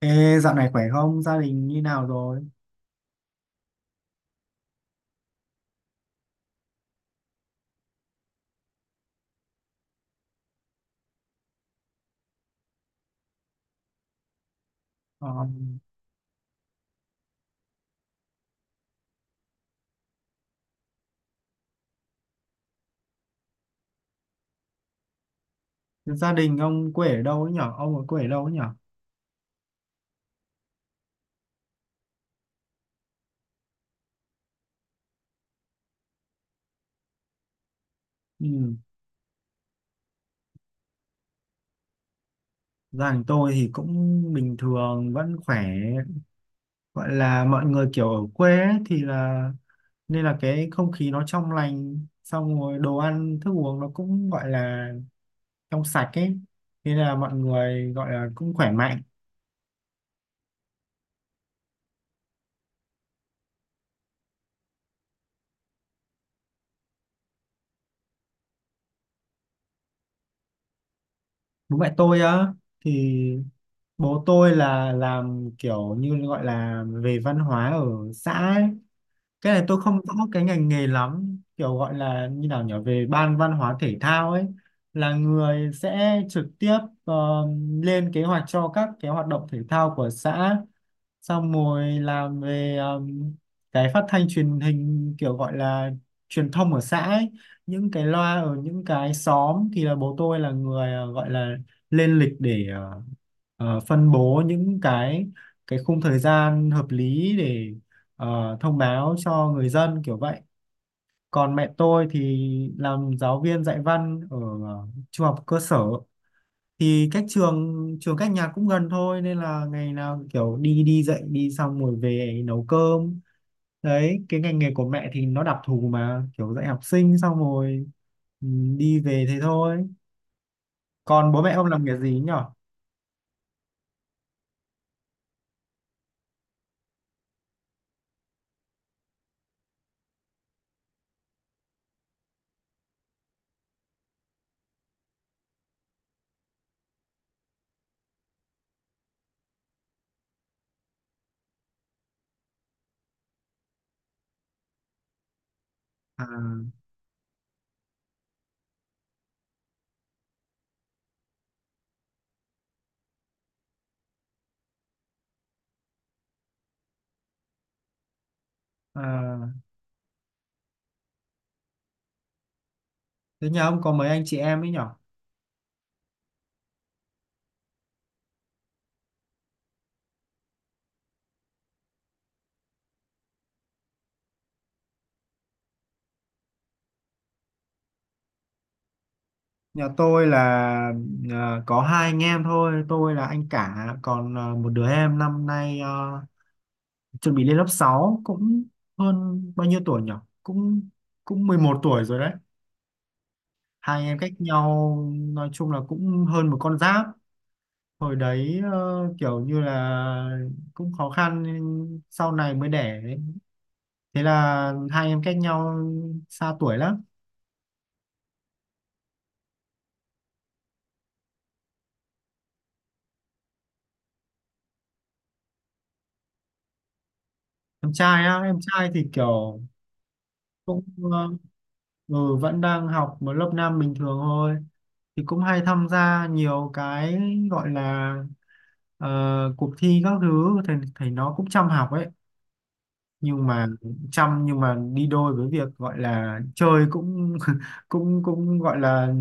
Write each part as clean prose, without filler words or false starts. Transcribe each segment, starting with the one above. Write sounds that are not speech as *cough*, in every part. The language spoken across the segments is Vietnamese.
Ê, dạo này khỏe không? Gia đình như nào rồi? Ờ, gia đình ông quê ở đâu ấy nhở? Ông ở quê ở đâu ấy nhở? Ừ. Gia đình tôi thì cũng bình thường, vẫn khỏe. Gọi là mọi người kiểu ở quê ấy, thì là nên là cái không khí nó trong lành, xong rồi đồ ăn, thức uống nó cũng gọi là trong sạch ấy. Nên là mọi người gọi là cũng khỏe mạnh. Bố mẹ tôi á, thì bố tôi là làm kiểu như gọi là về văn hóa ở xã ấy. Cái này tôi không rõ cái ngành nghề lắm, kiểu gọi là như nào nhỉ, về ban văn hóa thể thao ấy, là người sẽ trực tiếp ờ, lên kế hoạch cho các cái hoạt động thể thao của xã, xong rồi làm về cái phát thanh truyền hình, kiểu gọi là truyền thông ở xã ấy. Những cái loa ở những cái xóm thì là bố tôi là người gọi là lên lịch để phân bố những cái khung thời gian hợp lý để thông báo cho người dân kiểu vậy. Còn mẹ tôi thì làm giáo viên dạy văn ở trung học cơ sở, thì cách trường, cách nhà cũng gần thôi nên là ngày nào kiểu đi đi dạy đi xong rồi về nấu cơm. Đấy, cái ngành nghề của mẹ thì nó đặc thù mà, kiểu dạy học sinh xong rồi ừ, đi về thế thôi. Còn bố mẹ ông làm nghề gì nhỉ? À, à, thế nhà ông có mấy anh chị em ấy nhỉ? Nhà tôi là có hai anh em thôi, tôi là anh cả, còn một đứa em năm nay chuẩn bị lên lớp 6. Cũng hơn bao nhiêu tuổi nhỉ? Cũng cũng 11 tuổi rồi đấy. Hai anh em cách nhau nói chung là cũng hơn một con giáp. Hồi đấy kiểu như là cũng khó khăn nên sau này mới đẻ ấy. Thế là hai em cách nhau xa tuổi lắm. Em trai á, em trai thì kiểu cũng ờ, vẫn đang học một lớp 5 bình thường thôi, thì cũng hay tham gia nhiều cái, gọi là ờ, cuộc thi các thứ, thì thầy nó cũng chăm học ấy. Nhưng mà chăm nhưng mà đi đôi với việc gọi là chơi cũng *laughs* cũng cũng gọi là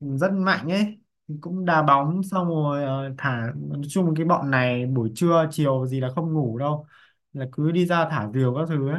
rất mạnh ấy, cũng đá bóng xong rồi thả, nói chung cái bọn này buổi trưa chiều gì là không ngủ đâu, là cứ đi ra thả diều các thứ ấy.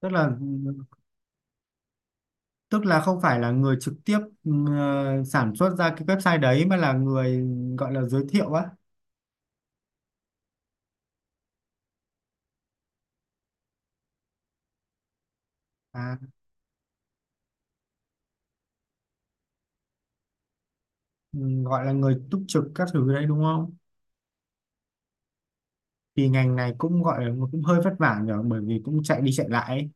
tức là Tức là không phải là người trực tiếp sản xuất ra cái website đấy mà là người gọi là giới thiệu á. À, ừ, gọi là người túc trực các thứ đấy đúng không? Thì ngành này cũng gọi là cũng hơi vất vả nhở, bởi vì cũng chạy đi chạy lại ấy.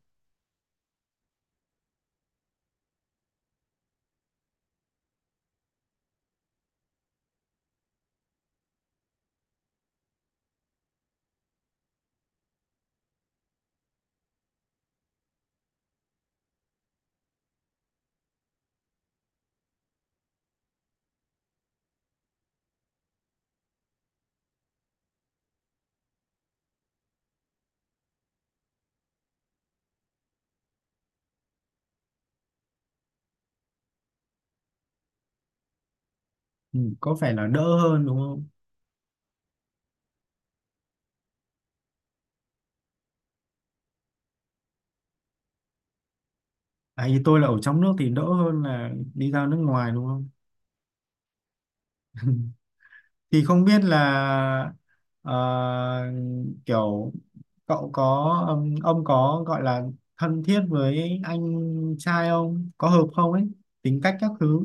Ừ, có phải là đỡ hơn đúng không? À, thì tôi là ở trong nước thì đỡ hơn là đi ra nước ngoài đúng không? Thì không biết là ờ, kiểu cậu có ông có gọi là thân thiết với anh trai không, có hợp không ấy, tính cách các thứ.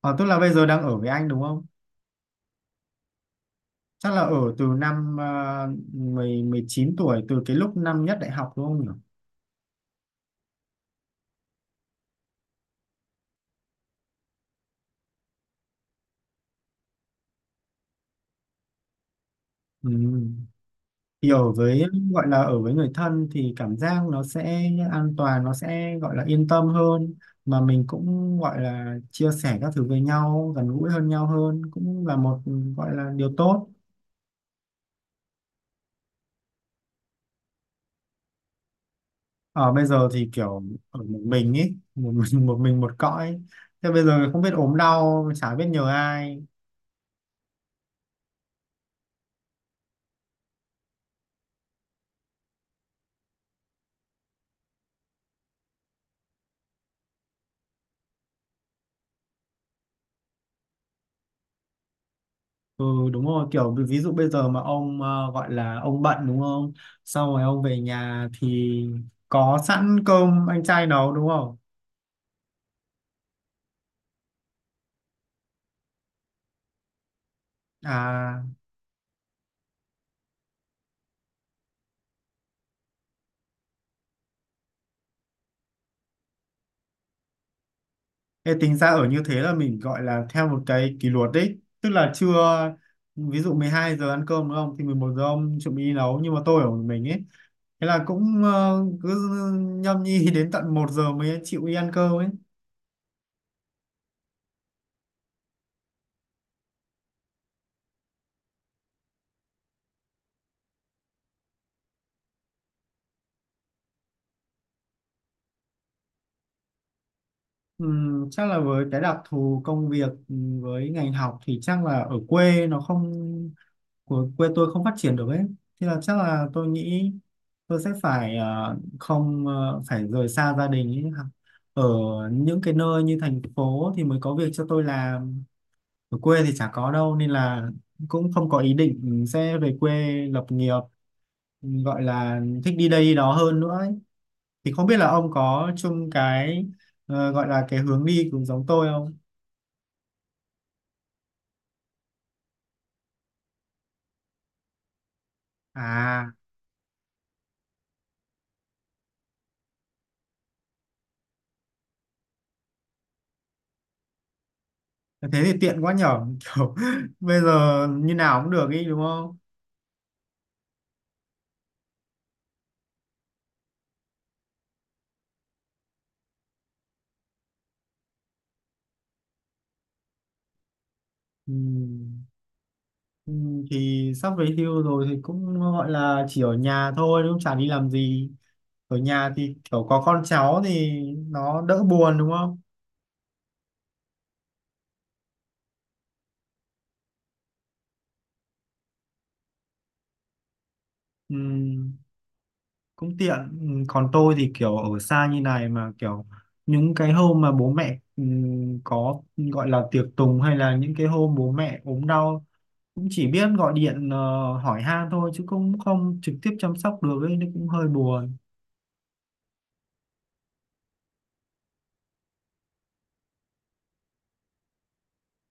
Ờ, tức là bây giờ đang ở với anh đúng không? Chắc là ở từ năm 10 19 tuổi, từ cái lúc năm nhất đại học đúng không nhỉ? Ừ. Thì ở với, gọi là ở với người thân thì cảm giác nó sẽ an toàn, nó sẽ gọi là yên tâm hơn, mà mình cũng gọi là chia sẻ các thứ với nhau, gần gũi hơn, nhau hơn cũng là một gọi là điều tốt. Ở bây giờ thì kiểu ở một mình ấy, một *laughs* một mình một cõi, thế bây giờ không biết ốm đau chả biết nhờ ai. Ừ, đúng rồi, kiểu ví ví dụ bây giờ mà ông gọi là ông bận đúng không, sau rồi ông về nhà thì có sẵn cơm anh trai nấu đúng không? À, thế tính ra ở như thế là mình gọi là theo một cái kỷ luật đấy, tức là trưa ví dụ 12 giờ ăn cơm đúng không thì 11 giờ ông chuẩn bị đi nấu. Nhưng mà tôi ở một mình ấy, thế là cũng cứ nhâm nhi *laughs* đến tận 1 giờ mới chịu đi ăn cơm ấy. Chắc là với cái đặc thù công việc, với ngành học thì chắc là ở quê nó không, của quê tôi không phát triển được ấy, thì là chắc là tôi nghĩ tôi sẽ phải ờ, không ờ, phải rời xa gia đình ấy. Ở những cái nơi như thành phố thì mới có việc cho tôi làm, ở quê thì chả có đâu, nên là cũng không có ý định sẽ về quê lập nghiệp, gọi là thích đi đây đi đó hơn nữa ấy. Thì không biết là ông có chung cái gọi là cái hướng đi cũng giống tôi không? À, thế thì tiện quá nhở, *laughs* kiểu bây giờ như nào cũng được ý đúng không? Ừ. Ừ, thì sắp về hưu rồi thì cũng gọi là chỉ ở nhà thôi đúng không? Chả đi làm gì. Ở nhà thì kiểu có con cháu thì nó đỡ buồn đúng không? Ừ, cũng tiện. Ừ, còn tôi thì kiểu ở xa như này mà kiểu những cái hôm mà bố mẹ có gọi là tiệc tùng hay là những cái hôm bố mẹ ốm đau, cũng chỉ biết gọi điện hỏi han thôi chứ cũng không trực tiếp chăm sóc được ấy, nó cũng hơi buồn.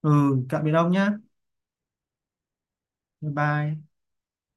Ừ, tạm biệt ông nhá. Bye bye.